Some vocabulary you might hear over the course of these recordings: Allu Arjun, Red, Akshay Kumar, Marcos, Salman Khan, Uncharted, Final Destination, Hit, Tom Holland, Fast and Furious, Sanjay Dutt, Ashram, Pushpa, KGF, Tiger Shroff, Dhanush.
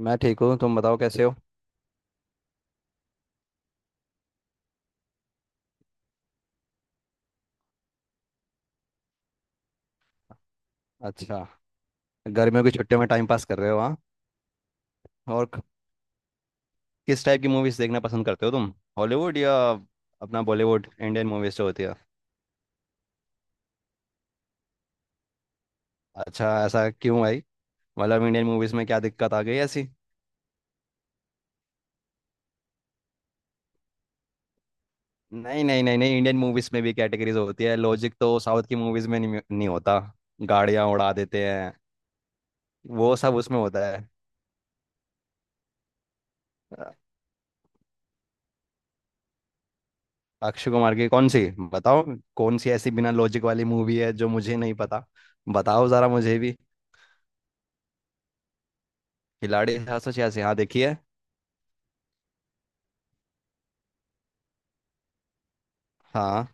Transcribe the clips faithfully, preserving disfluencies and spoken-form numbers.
मैं ठीक हूँ। तुम बताओ कैसे हो। अच्छा, गर्मियों की छुट्टियों में टाइम पास कर रहे हो हाँ। और क- किस टाइप की मूवीज देखना पसंद करते हो तुम, हॉलीवुड या अपना बॉलीवुड इंडियन मूवीज जो होती है। अच्छा, ऐसा क्यों भाई? मतलब इंडियन मूवीज में क्या दिक्कत आ गई ऐसी? नहीं नहीं नहीं नहीं, इंडियन मूवीज में भी कैटेगरीज होती है। लॉजिक तो साउथ की मूवीज में नहीं, नहीं होता, गाड़ियाँ उड़ा देते हैं, वो सब उसमें होता है। अ, अक्षय कुमार की कौन सी? बताओ कौन सी ऐसी बिना लॉजिक वाली मूवी है जो मुझे नहीं पता, बताओ जरा मुझे भी। खिलाड़ी सात सौ छियासी? हाँ देखिए। हाँ।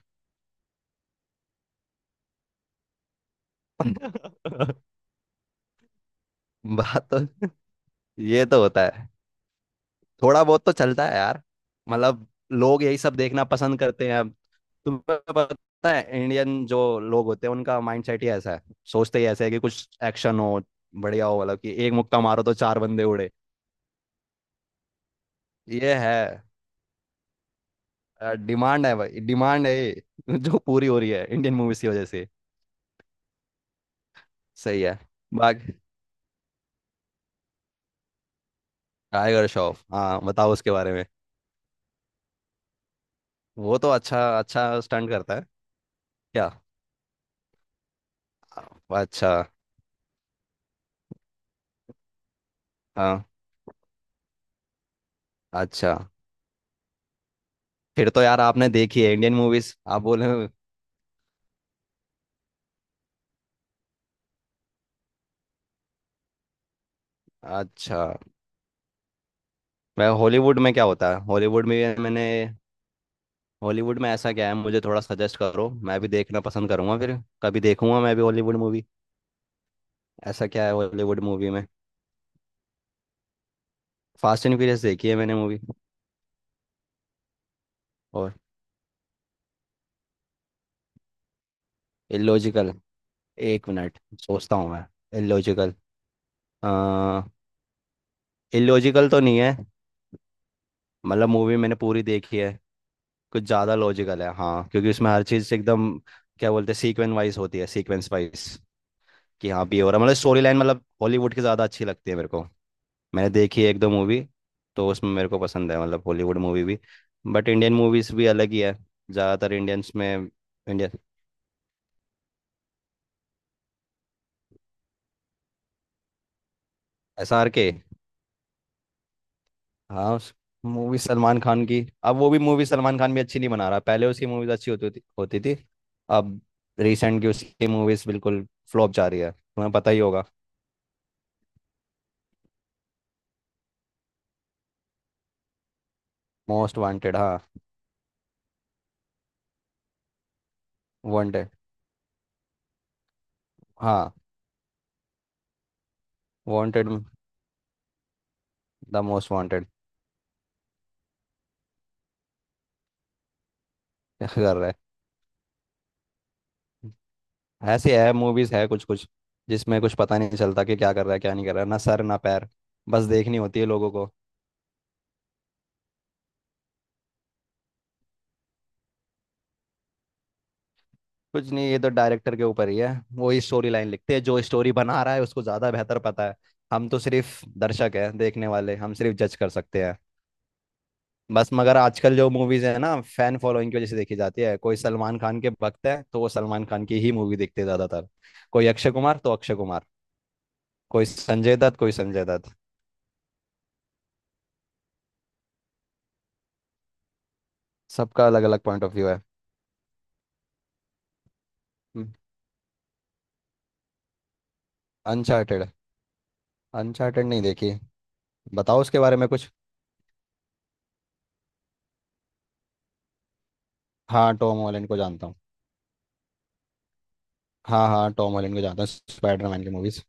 बात तो ये तो होता है, थोड़ा बहुत तो चलता है यार। मतलब लोग यही सब देखना पसंद करते हैं अब। तुम्हें पता है इंडियन जो लोग होते हैं उनका माइंडसेट ही ऐसा है, सोचते ही ऐसा है कि कुछ एक्शन हो, बढ़िया हो। मतलब कि एक मुक्का मारो तो चार बंदे उड़े, ये है। डिमांड है भाई, डिमांड है ये, जो पूरी हो रही है इंडियन मूवीज की वजह से। सही है। बाकी टाइगर श्रॉफ, हाँ बताओ उसके बारे में। वो तो अच्छा अच्छा स्टंट करता है। क्या? अच्छा। हाँ। अच्छा। फिर तो यार आपने देखी है इंडियन मूवीज आप बोले। अच्छा। मैं हॉलीवुड में क्या होता है, हॉलीवुड में मैंने हॉलीवुड में ऐसा क्या है, मुझे थोड़ा सजेस्ट करो, मैं भी देखना पसंद करूंगा फिर, कभी देखूंगा मैं भी हॉलीवुड मूवी। ऐसा क्या है हॉलीवुड मूवी में? फास्ट एंड फ्यूरियस देखी है मैंने मूवी। और इलॉजिकल, एक मिनट सोचता हूँ मैं। इलॉजिकल, आ इलॉजिकल तो नहीं है। मतलब मूवी मैंने पूरी देखी है, कुछ ज्यादा लॉजिकल है हाँ, क्योंकि उसमें हर चीज एकदम, क्या बोलते हैं, सीक्वेंस वाइज होती है, सीक्वेंस वाइज, कि हाँ भी हो रहा है। मतलब स्टोरी लाइन, मतलब हॉलीवुड की ज्यादा अच्छी लगती है मेरे को। मैंने देखी है एक दो मूवी, तो उसमें मेरे को पसंद है, मतलब हॉलीवुड मूवी भी, बट इंडियन मूवीज भी अलग ही है। ज्यादातर इंडियंस में इंडियन, एस आर के। हाँ, उस मूवी सलमान खान की, अब वो भी मूवी, सलमान खान भी अच्छी नहीं बना रहा। पहले उसकी मूवीज अच्छी होती थी होती थी अब। रिसेंट की उसकी मूवीज बिल्कुल फ्लॉप जा रही है, तुम्हें पता ही होगा। मोस्ट वांटेड, हाँ। वांटेड, हाँ। Wanted, the most wanted. कर रहा है, ऐसी है मूवीज है कुछ कुछ जिसमें कुछ पता नहीं चलता कि क्या कर रहा है क्या नहीं कर रहा है, ना सर ना पैर, बस देखनी होती है लोगों को। कुछ नहीं, ये तो डायरेक्टर के ऊपर ही है, वो ही स्टोरी लाइन लिखते हैं, जो स्टोरी बना रहा है उसको ज़्यादा बेहतर पता है। हम तो सिर्फ दर्शक हैं देखने वाले, हम सिर्फ जज कर सकते हैं बस। मगर आजकल जो मूवीज है ना फैन फॉलोइंग की वजह से देखी जाती है, कोई सलमान खान के भक्त है तो वो सलमान खान की ही मूवी देखते हैं ज़्यादातर, कोई अक्षय कुमार तो अक्षय कुमार, कोई संजय दत्त कोई संजय दत्त, सबका अलग अलग पॉइंट ऑफ व्यू है। अनचार्टेड? अनचार्टेड नहीं देखी, बताओ उसके बारे में कुछ। हाँ टॉम हॉलैंड को जानता हूँ। हाँ हाँ टॉम हॉलैंड को जानता हूँ, स्पाइडरमैन की मूवीज।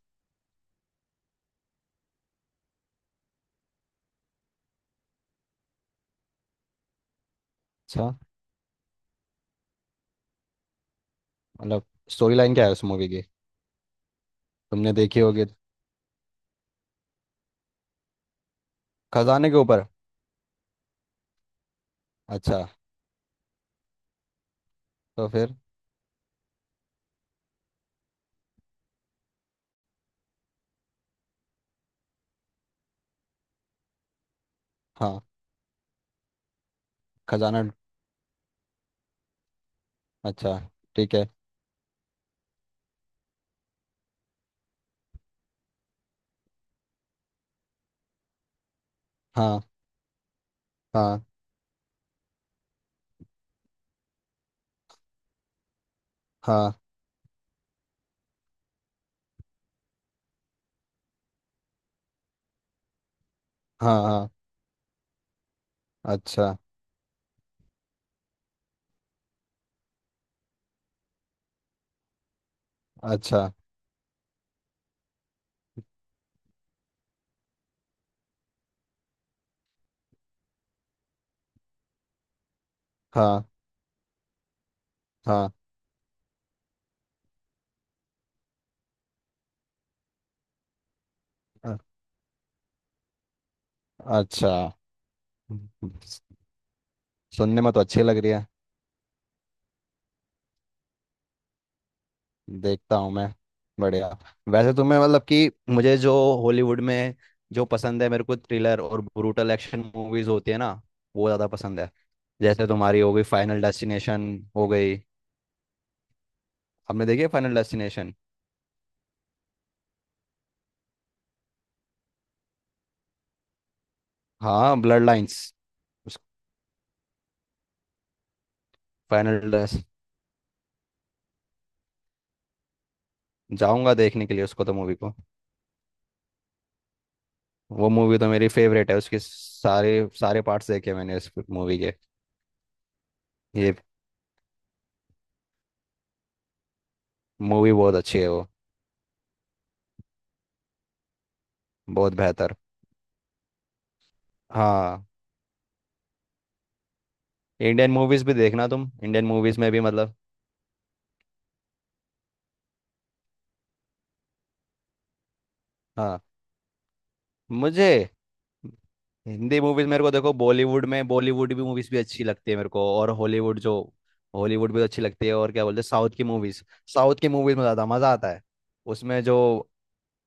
अच्छा, मतलब स्टोरी लाइन क्या है उस मूवी की? तुमने देखी होगी, खजाने के ऊपर? अच्छा। तो फिर? हाँ खजाना। अच्छा। ठीक है। हाँ। हाँ। हाँ। हाँ। हाँ। अच्छा। अच्छा। हाँ। हाँ। अ- अच्छा। सुनने में तो अच्छी लग रही है, देखता हूँ मैं। बढ़िया। वैसे तुम्हें मतलब कि मुझे जो हॉलीवुड में जो पसंद है, मेरे को थ्रिलर और ब्रूटल एक्शन मूवीज होती है ना, वो ज़्यादा पसंद है। जैसे तुम्हारी हो गई फाइनल डेस्टिनेशन, हो गई, आपने देखी है फाइनल डेस्टिनेशन? हाँ, ब्लड लाइंस। उस फाइनल डेस्ट जाऊंगा देखने के लिए उसको तो, मूवी को। वो मूवी तो मेरी फेवरेट है, उसके सारे सारे पार्ट्स देखे मैंने उस मूवी के। ये मूवी बहुत अच्छी है वो, बहुत बेहतर। हाँ, इंडियन मूवीज भी देखना तुम, इंडियन मूवीज में भी मतलब। हाँ, मुझे हिंदी मूवीज मेरे को देखो, बॉलीवुड में बॉलीवुड भी मूवीज भी अच्छी लगती है मेरे को, और हॉलीवुड जो हॉलीवुड भी अच्छी लगती है, और क्या बोलते हैं साउथ की मूवीज, साउथ की मूवीज में ज़्यादा मज़ा आता है। उसमें जो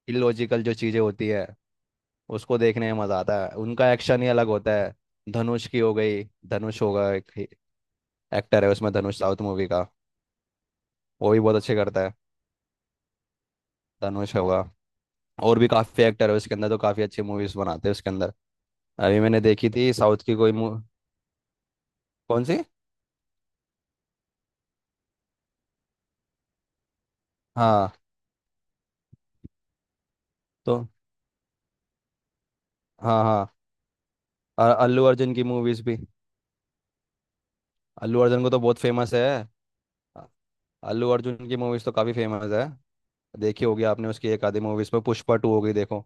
इलॉजिकल जो चीज़ें होती है उसको देखने में मज़ा आता है, उनका एक्शन ही अलग होता है। धनुष की हो गई, धनुष होगा एक एक्टर है उसमें, धनुष साउथ मूवी का, वो भी बहुत अच्छे करता है। धनुष होगा, और भी काफ़ी एक्टर है उसके अंदर, तो काफ़ी अच्छी मूवीज बनाते हैं उसके अंदर। अभी मैंने देखी थी साउथ की कोई मू- कौन सी? हाँ। तो। हाँ हाँ, और अल्लू अर्जुन की मूवीज भी। अल्लू अर्जुन को तो बहुत फेमस है। अ- अल्लू अर्जुन की मूवीज तो काफी फेमस है, देखी होगी आपने उसकी एक आधी मूवीज में, पुष्पा टू हो गई देखो,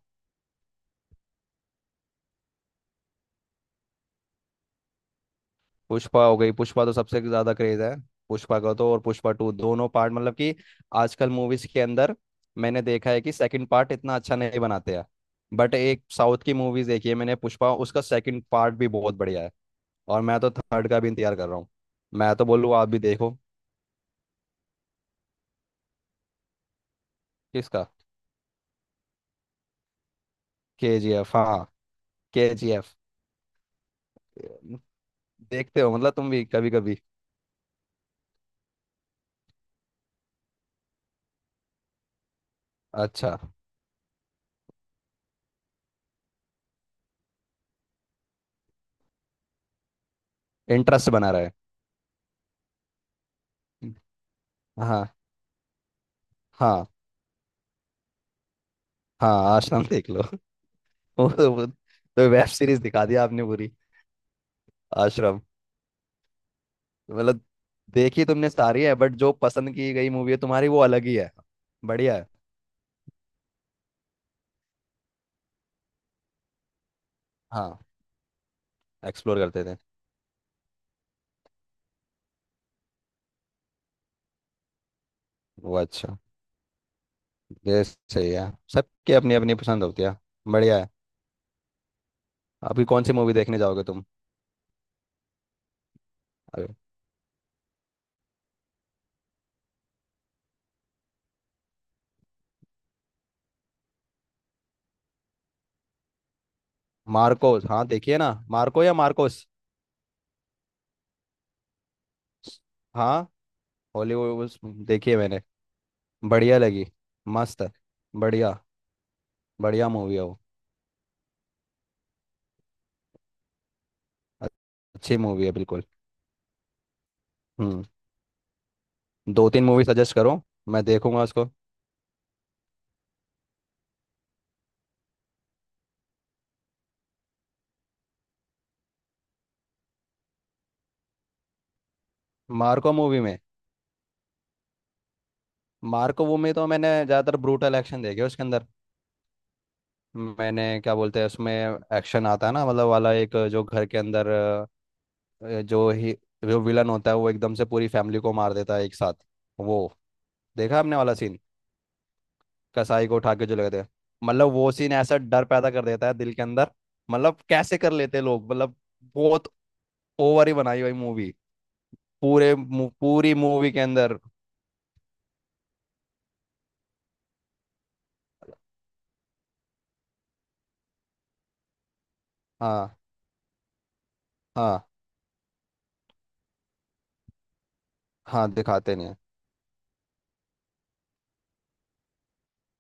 पुष्पा हो गई। पुष्पा तो सबसे ज्यादा क्रेज है पुष्पा का तो, और पुष्पा टू दोनों पार्ट, मतलब कि आजकल मूवीज के अंदर मैंने देखा है कि सेकंड पार्ट इतना अच्छा नहीं बनाते हैं, बट एक साउथ की मूवीज देखी है मैंने, पुष्पा, उसका सेकंड पार्ट भी बहुत बढ़िया है। और मैं तो थर्ड का भी इंतजार कर रहा हूँ, मैं तो बोलूँ आप भी देखो। किसका? के जी एफ, हाँ केजीएफ। देखते हो मतलब तुम भी कभी कभी। अच्छा। इंटरेस्ट बना रहा है। हाँ, हाँ, हाँ आश्रम देख लो। वो तो वो- तो वेब सीरीज दिखा दिया आपने पूरी, आश्रम। मतलब देखी तुमने सारी है, बट जो पसंद की गई मूवी है तुम्हारी वो अलग ही है, बढ़िया है। हाँ एक्सप्लोर करते थे, वो अच्छा। ये सही है, सबकी अपनी अपनी पसंद होती है, बढ़िया है। अभी कौन सी मूवी देखने जाओगे तुम? अरे, मार्कोस, हाँ देखिए ना, मार्को या मार्कोस? हाँ, हॉलीवुड उस देखी है मैंने, बढ़िया लगी, मस्त है, बढ़िया, बढ़िया मूवी है वो, अच्छी मूवी है बिल्कुल। हम्म दो तीन मूवी सजेस्ट करो, मैं देखूंगा उसको। मार्को मूवी में, मार्को मूवी में तो मैंने ज़्यादातर ब्रूटल एक्शन देखे उसके अंदर, मैंने क्या बोलते हैं उसमें, एक्शन आता है ना, मतलब वाला एक जो घर के अंदर अ, जो ही जो विलन होता है वो एकदम से पूरी फैमिली को मार देता है एक साथ वो। देखा आपने वाला सीन, कसाई को उठा के जो लगे थे, मतलब वो सीन ऐसा डर पैदा कर देता है दिल के अंदर। मतलब कैसे कर लेते हैं लोग मतलब, बहुत ओवर ही बनाई हुई मूवी, पूरे मू- पूरी मूवी के अंदर। हाँ हाँ, हाँ दिखाते नहीं हैं।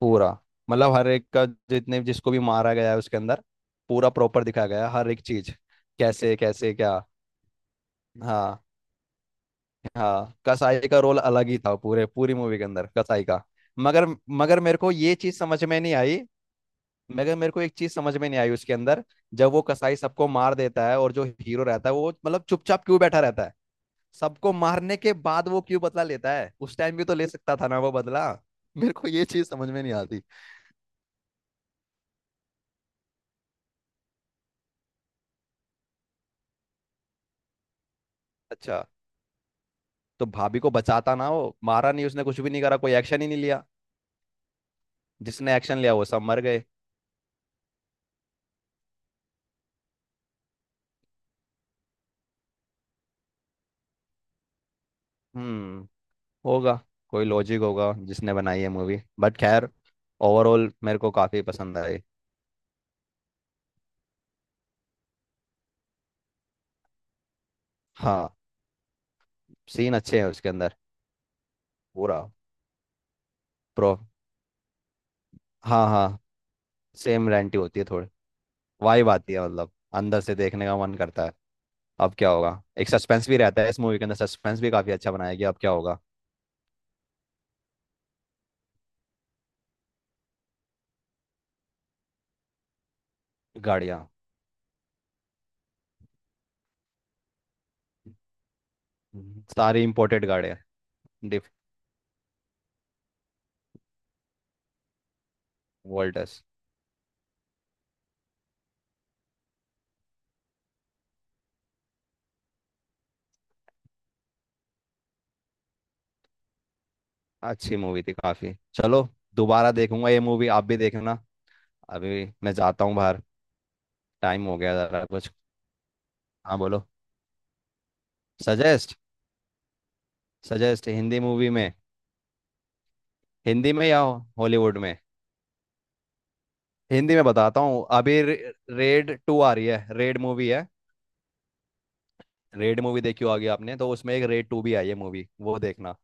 पूरा, मतलब हर एक का जितने जिसको भी मारा गया है उसके अंदर पूरा प्रॉपर दिखाया गया है हर एक चीज। कैसे कैसे क्या, हाँ। हाँ, कसाई का रोल अलग ही था, पूरे पूरी मूवी के अंदर कसाई का। मगर मगर मेरे को ये चीज समझ में नहीं आई, मगर मेरे को एक चीज समझ में नहीं आई उसके अंदर। जब वो कसाई सबको मार देता है और जो हीरो रहता है वो मतलब चुपचाप क्यों बैठा रहता है? सबको मारने के बाद वो क्यों बदला लेता है? उस टाइम भी तो ले सकता था ना वो बदला। मेरे को ये चीज समझ में नहीं आती। अच्छा। तो भाभी को बचाता ना, वो मारा नहीं उसने, कुछ भी नहीं करा, कोई एक्शन ही नहीं लिया। जिसने एक्शन लिया वो सब मर गए। हम्म होगा, कोई लॉजिक होगा जिसने बनाई है मूवी, बट खैर, ओवरऑल मेरे को काफी पसंद आई। हाँ, सीन अच्छे हैं उसके अंदर, पूरा प्रो हाँ हाँ, सेम रेंटी होती है थोड़ी, वाइब आती है मतलब, अंदर से देखने का मन करता है, अब क्या होगा, एक सस्पेंस भी रहता है इस मूवी के अंदर, सस्पेंस भी काफी अच्छा बनाया गया, अब क्या होगा। गाड़ियाँ, हम्म, सारी इंपोर्टेड गाड़ियाँ, डिफ वोल्टस। अच्छी मूवी थी काफी, चलो दोबारा देखूंगा ये मूवी, आप भी देखना। अभी मैं जाता हूँ बाहर, टाइम हो गया जरा कुछ। हाँ बोलो। सजेस्ट, सजेस्ट हिंदी मूवी में, हिंदी में या हॉलीवुड में? हिंदी में बताता हूँ अभी, रे, रेड टू आ रही है, रेड मूवी है। रेड मूवी देखी होगी आपने, तो उसमें एक रेड टू भी आई है मूवी, वो देखना।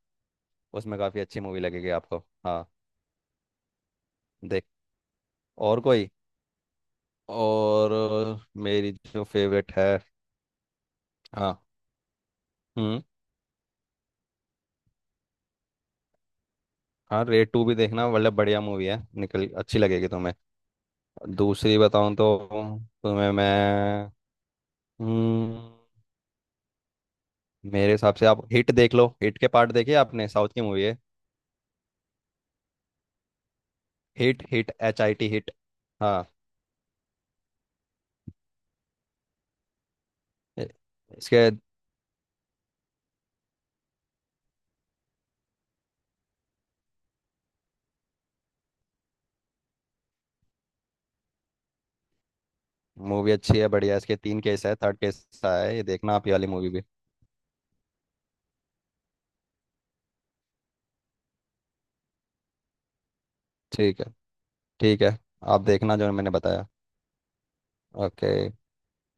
उसमें काफी अच्छी मूवी लगेगी आपको। हाँ, देख, और कोई, और अ, मेरी जो फेवरेट है। हाँ। हम्म हाँ रेड टू भी देखना, मतलब बढ़िया मूवी है, निकल अच्छी लगेगी तुम्हें। दूसरी बताऊं तो तुम्हें मैं, हम्म मेरे हिसाब से आप हिट देख लो, हिट के पार्ट देखे आपने? साउथ की मूवी है। Hit, hit H I T hit. हाँ। इ- इसके मूवी अच्छी है बढ़िया है। इसके तीन केस है, थर्ड केस है, ये देखना आप ये वाली मूवी भी। ठीक है। ठीक है, आप देखना जो मैंने बताया। ओके।